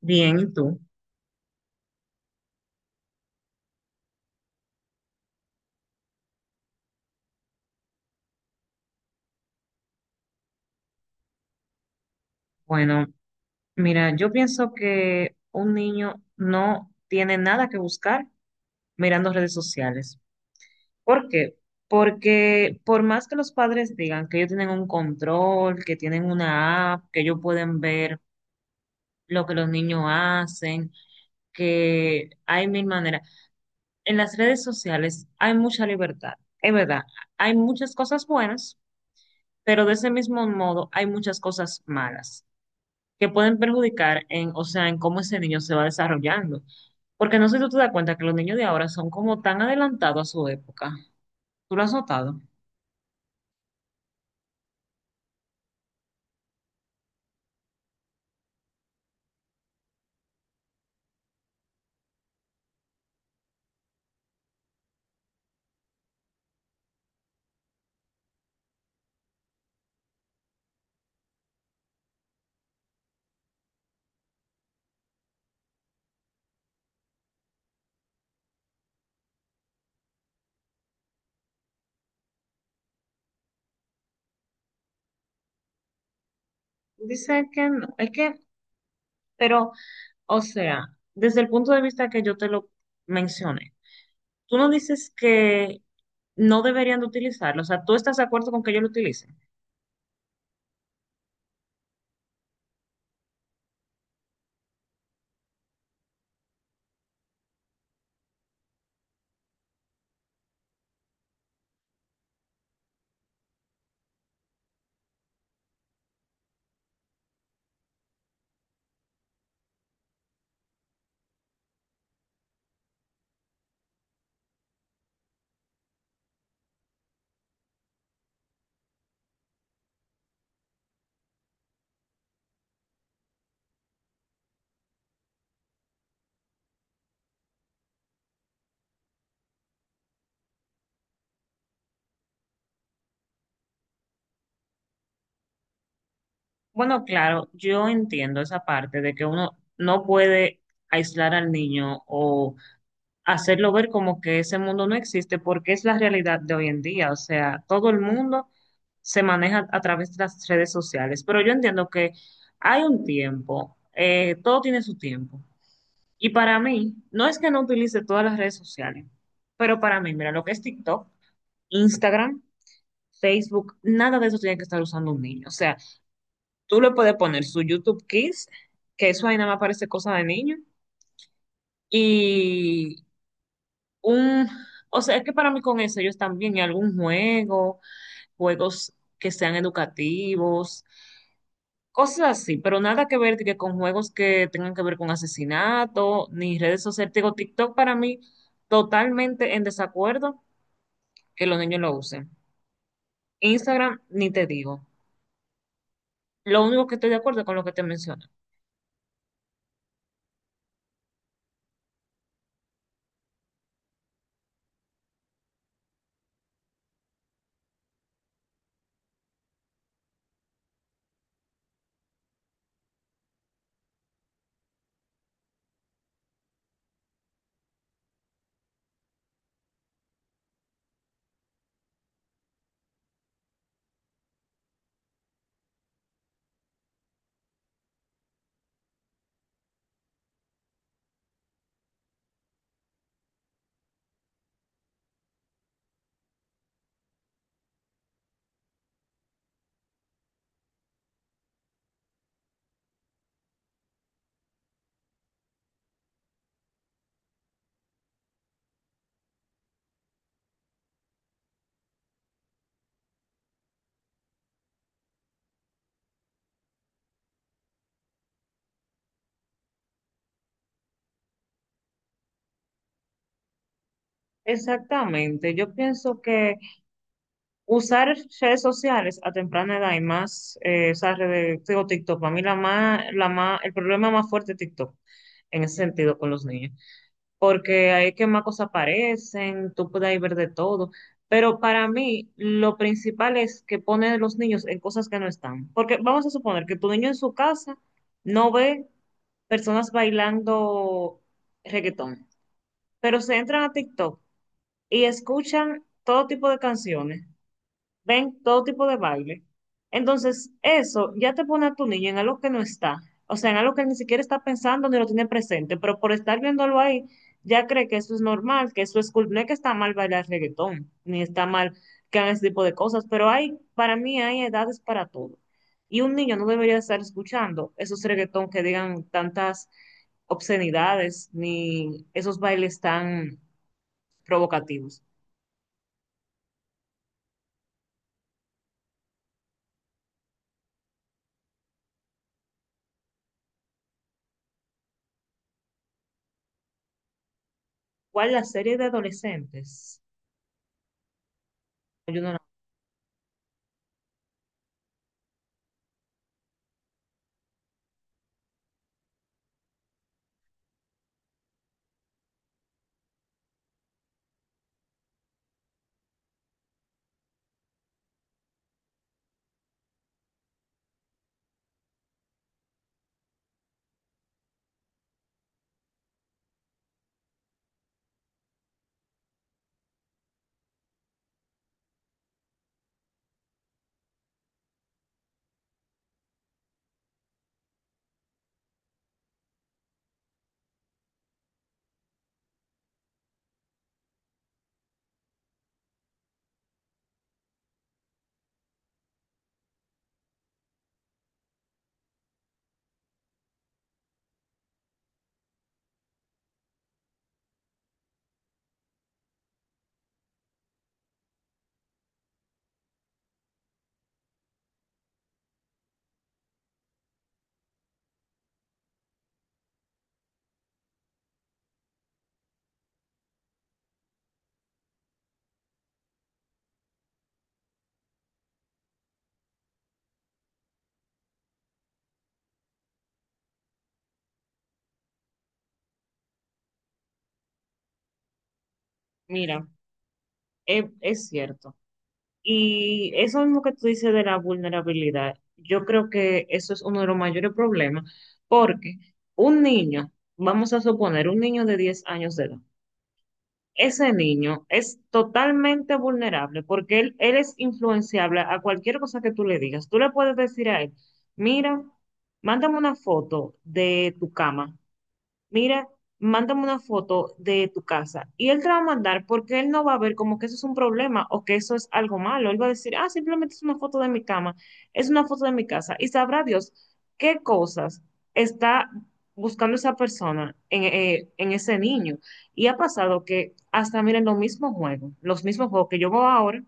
Bien, ¿y tú? Bueno, mira, yo pienso que un niño no tiene nada que buscar mirando redes sociales. ¿Por qué? Porque por más que los padres digan que ellos tienen un control, que tienen una app, que ellos pueden ver lo que los niños hacen, que hay mil maneras. En las redes sociales hay mucha libertad. Es verdad, hay muchas cosas buenas, pero de ese mismo modo hay muchas cosas malas, que pueden perjudicar en, o sea, en cómo ese niño se va desarrollando. Porque no sé si tú te das cuenta que los niños de ahora son como tan adelantados a su época. ¿Tú lo has notado? Dice que no, es que, pero, o sea, desde el punto de vista que yo te lo mencioné, tú no dices que no deberían de utilizarlo, o sea, tú estás de acuerdo con que ellos lo utilicen. Bueno, claro, yo entiendo esa parte de que uno no puede aislar al niño o hacerlo ver como que ese mundo no existe, porque es la realidad de hoy en día. O sea, todo el mundo se maneja a través de las redes sociales, pero yo entiendo que hay un tiempo, todo tiene su tiempo. Y para mí, no es que no utilice todas las redes sociales, pero para mí, mira, lo que es TikTok, Instagram, Facebook, nada de eso tiene que estar usando un niño. O sea, tú le puedes poner su YouTube Kids, que eso ahí nada más parece cosa de niño. Y un, o sea, es que para mí con eso ellos también, y algún juego, juegos que sean educativos, cosas así, pero nada que ver de que con juegos que tengan que ver con asesinato, ni redes sociales. Digo, TikTok para mí totalmente en desacuerdo que los niños lo usen. Instagram, ni te digo. Lo único que estoy de acuerdo es con lo que te menciono. Exactamente, yo pienso que usar redes sociales a temprana edad y más, digo, TikTok, para mí la más, el problema más fuerte es TikTok en ese sentido con los niños, porque ahí es que más cosas aparecen, tú puedes ahí ver de todo, pero para mí lo principal es que ponen a los niños en cosas que no están, porque vamos a suponer que tu niño en su casa no ve personas bailando reggaetón, pero se entran a TikTok y escuchan todo tipo de canciones, ven todo tipo de baile. Entonces, eso ya te pone a tu niño en algo que no está, o sea, en algo que ni siquiera está pensando ni lo tiene presente, pero por estar viéndolo ahí, ya cree que eso es normal, que eso es cool. No es que está mal bailar reggaetón, ni está mal que hagan ese tipo de cosas, pero hay, para mí hay edades para todo. Y un niño no debería estar escuchando esos reggaetón que digan tantas obscenidades, ni esos bailes tan provocativos. ¿Cuál la serie de adolescentes? Yo no la- Mira, es cierto. Y eso mismo que tú dices de la vulnerabilidad, yo creo que eso es uno de los mayores problemas, porque un niño, vamos a suponer un niño de 10 años de edad, ese niño es totalmente vulnerable porque él es influenciable a cualquier cosa que tú le digas. Tú le puedes decir a él, mira, mándame una foto de tu cama, mira, mándame una foto de tu casa. Y él te va a mandar porque él no va a ver como que eso es un problema o que eso es algo malo. Él va a decir, ah, simplemente es una foto de mi cama, es una foto de mi casa. Y sabrá Dios qué cosas está buscando esa persona en, en ese niño. Y ha pasado que hasta, miren, los mismos juegos que yo veo ahora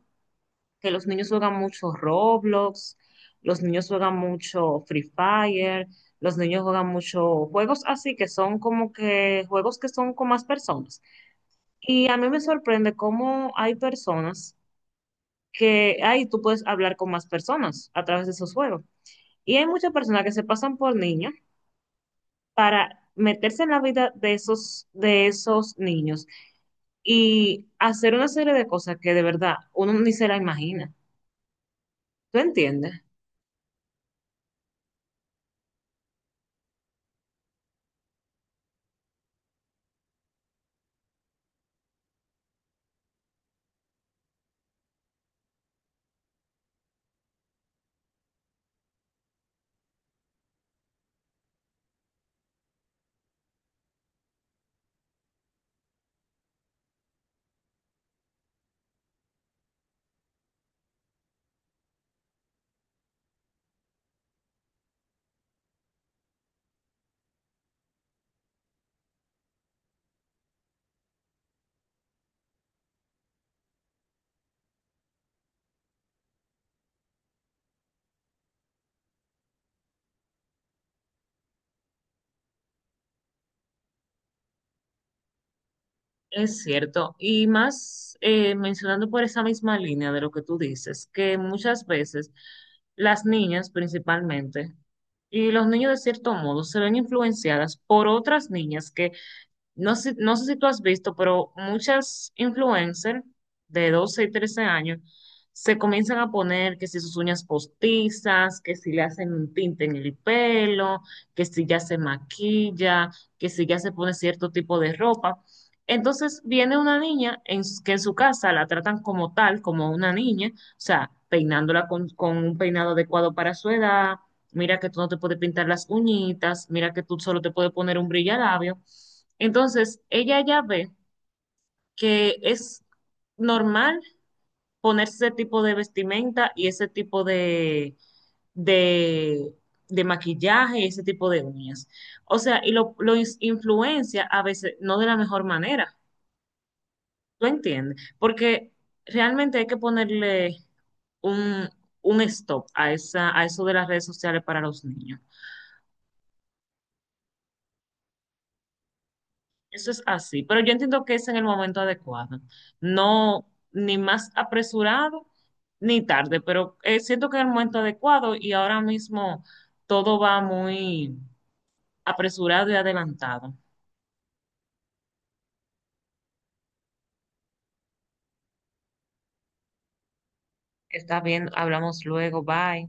que los niños juegan mucho Roblox, los niños juegan mucho Free Fire, los niños juegan mucho juegos así que son como que juegos que son con más personas. Y a mí me sorprende cómo hay personas que ahí tú puedes hablar con más personas a través de esos juegos. Y hay muchas personas que se pasan por niños para meterse en la vida de esos niños y hacer una serie de cosas que de verdad uno ni se la imagina. ¿Tú entiendes? Es cierto, y más mencionando por esa misma línea de lo que tú dices, que muchas veces las niñas principalmente y los niños de cierto modo se ven influenciadas por otras niñas que no sé si tú has visto, pero muchas influencers de 12 y 13 años se comienzan a poner que si sus uñas postizas, que si le hacen un tinte en el pelo, que si ya se maquilla, que si ya se pone cierto tipo de ropa. Entonces viene una niña que en su casa la tratan como tal, como una niña, o sea, peinándola con un peinado adecuado para su edad. Mira que tú no te puedes pintar las uñitas, mira que tú solo te puedes poner un brillalabio. Entonces, ella ya ve que es normal ponerse ese tipo de vestimenta y ese tipo de, de maquillaje y ese tipo de uñas. O sea, y influencia a veces no de la mejor manera, ¿tú entiendes? Porque realmente hay que ponerle un, un stop a a eso de las redes sociales para los niños. Eso es así, pero yo entiendo que es en el momento adecuado, no ni más apresurado ni tarde, pero siento que es el momento adecuado y ahora mismo todo va muy apresurado y adelantado. Está bien, hablamos luego, bye.